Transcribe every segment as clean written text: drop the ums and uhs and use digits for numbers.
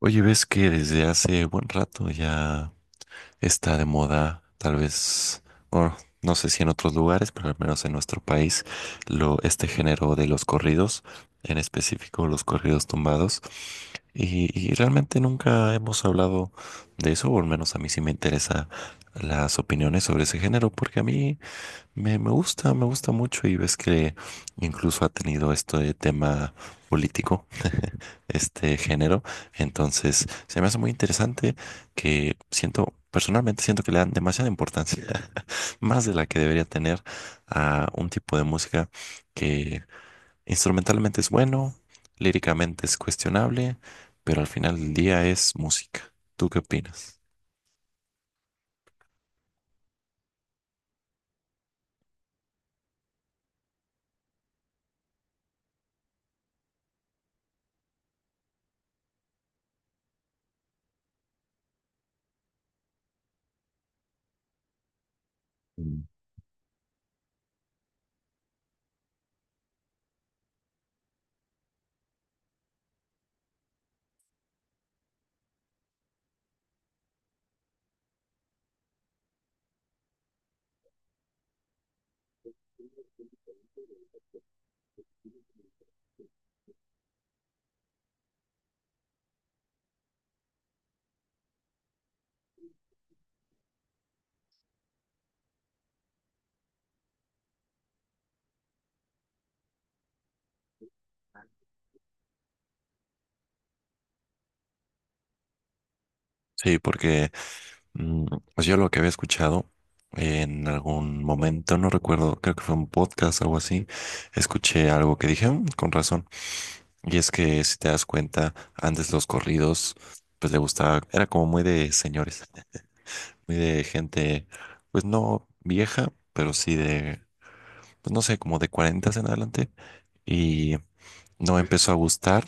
Oye, ves que desde hace buen rato ya está de moda, tal vez, bueno, no sé si en otros lugares, pero al menos en nuestro país, lo, este género de los corridos, en específico los corridos tumbados. Y realmente nunca hemos hablado de eso, o al menos a mí sí me interesa las opiniones sobre ese género, porque a mí me gusta, me gusta mucho y ves que incluso ha tenido esto de tema político este género. Entonces, se me hace muy interesante que siento, personalmente siento que le dan demasiada importancia, más de la que debería tener a un tipo de música que instrumentalmente es bueno, líricamente es cuestionable, pero al final del día es música. ¿Tú qué opinas? Mm. Sí, porque mm, pues yo lo que había escuchado en algún momento, no recuerdo, creo que fue un podcast o algo así, escuché algo que dije, "Mm, con razón. Y es que si te das cuenta, antes los corridos, pues le gustaba, era como muy de señores, muy de gente, pues no vieja, pero sí de, pues no sé, como de 40 en adelante. Y no empezó a gustar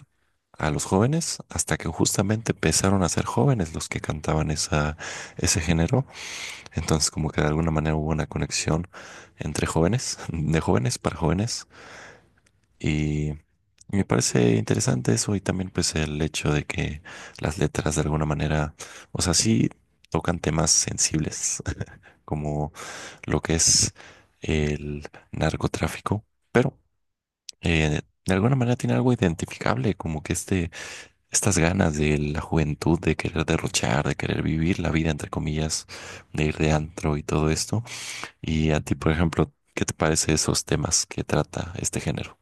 a los jóvenes hasta que justamente empezaron a ser jóvenes los que cantaban esa, ese género. Entonces como que de alguna manera hubo una conexión entre jóvenes, de jóvenes para jóvenes. Me parece interesante eso y también pues el hecho de que las letras de alguna manera, o sea, sí tocan temas sensibles como lo que es el narcotráfico, pero de alguna manera tiene algo identificable, como que este, estas ganas de la juventud de querer derrochar, de querer vivir la vida, entre comillas, de ir de antro y todo esto. Y a ti, por ejemplo, ¿qué te parece esos temas que trata este género?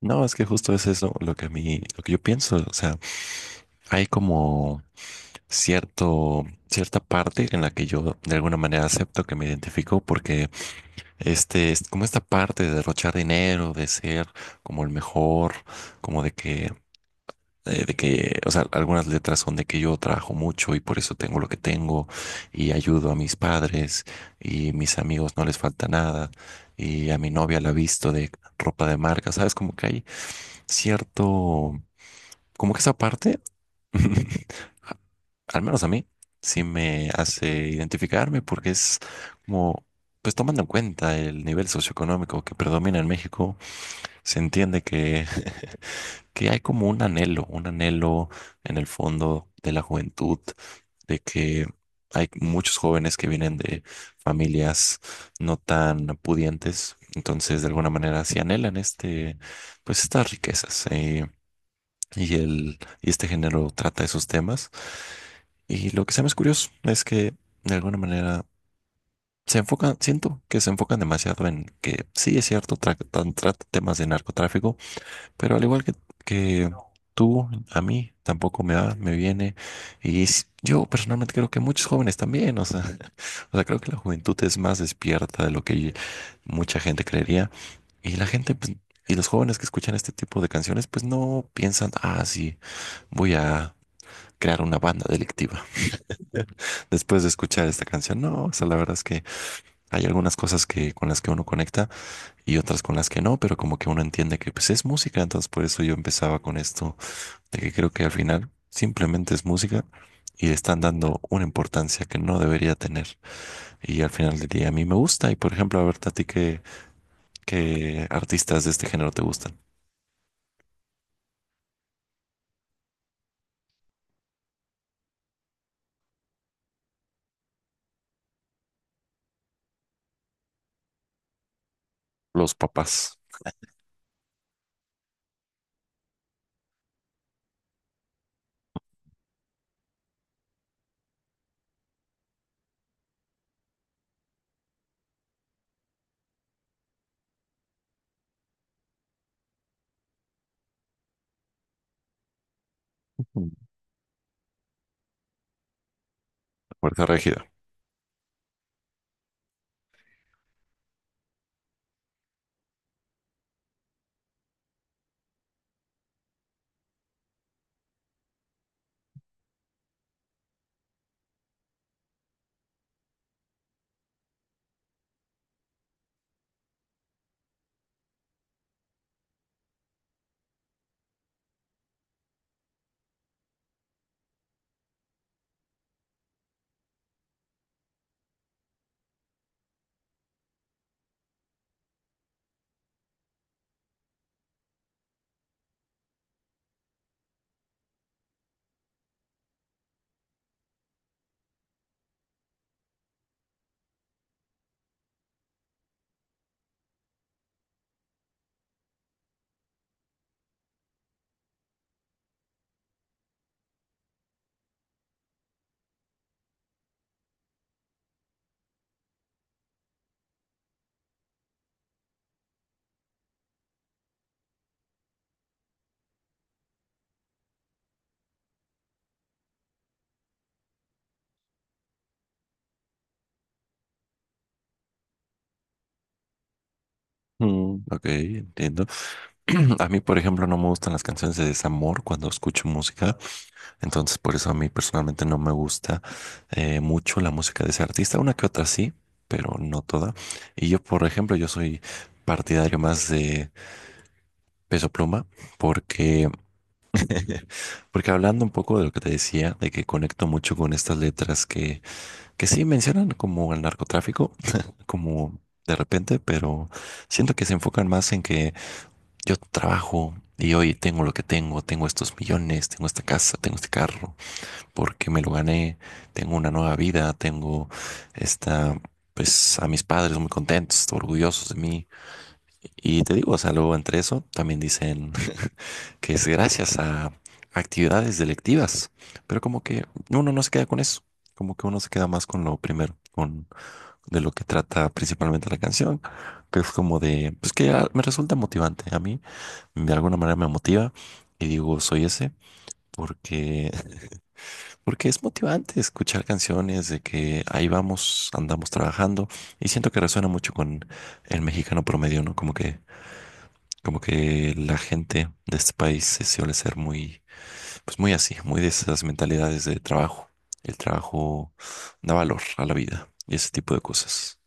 No, es que justo es eso lo que a mí, lo que yo pienso. O sea, hay como cierto, cierta parte en la que yo de alguna manera acepto que me identifico porque este es como esta parte de derrochar dinero, de ser como el mejor, como de que, o sea, algunas letras son de que yo trabajo mucho y por eso tengo lo que tengo y ayudo a mis padres y mis amigos no les falta nada y a mi novia la visto de ropa de marca, ¿sabes? Como que hay cierto, como que esa parte, al menos a mí, sí me hace identificarme porque es como, pues tomando en cuenta el nivel socioeconómico que predomina en México, se entiende que hay como un anhelo en el fondo de la juventud, de que hay muchos jóvenes que vienen de familias no tan pudientes, entonces de alguna manera sí anhelan este, pues estas riquezas. Y, el, y este género trata esos temas. Y lo que se me es curioso es que de alguna manera se enfocan, siento que se enfocan demasiado en que sí es cierto, trata temas de narcotráfico, pero al igual que tú, a mí tampoco me va, me viene. Y yo personalmente creo que muchos jóvenes también, o sea, o sea, creo que la juventud es más despierta de lo que mucha gente creería. Y la gente, pues, y los jóvenes que escuchan este tipo de canciones, pues no piensan, ah, sí. Voy a crear una banda delictiva. Después de escuchar esta canción, no, o sea, la verdad es que hay algunas cosas que con las que uno conecta y otras con las que no, pero como que uno entiende que pues es música, entonces por eso yo empezaba con esto de que creo que al final simplemente es música y le están dando una importancia que no debería tener y al final del día a mí me gusta y por ejemplo, a ver, a ti qué, ¿qué artistas de este género te gustan? Los papás, Fuerza regida. Mm, ok, entiendo. A mí, por ejemplo, no me gustan las canciones de desamor cuando escucho música, entonces por eso a mí personalmente no me gusta mucho la música de ese artista, una que otra sí, pero no toda. Y yo, por ejemplo, yo soy partidario más de Peso Pluma porque, porque hablando un poco de lo que te decía, de que conecto mucho con estas letras que sí mencionan como el narcotráfico, como de repente, pero siento que se enfocan más en que yo trabajo y hoy tengo lo que tengo, tengo estos millones, tengo esta casa, tengo este carro, porque me lo gané, tengo una nueva vida, tengo esta, pues a mis padres muy contentos, orgullosos de mí. Y te digo, o sea, luego entre eso también dicen que es gracias a actividades delictivas, pero como que uno no se queda con eso, como que uno se queda más con lo primero, con de lo que trata principalmente la canción, que es como de, pues que ah, me resulta motivante a mí de alguna manera me motiva y digo, soy ese, porque, porque es motivante escuchar canciones de que ahí vamos, andamos trabajando y siento que resuena mucho con el mexicano promedio, ¿no? Como que la gente de este país se suele ser muy, pues muy así, muy de esas mentalidades de trabajo. El trabajo da valor a la vida y ese tipo de cosas.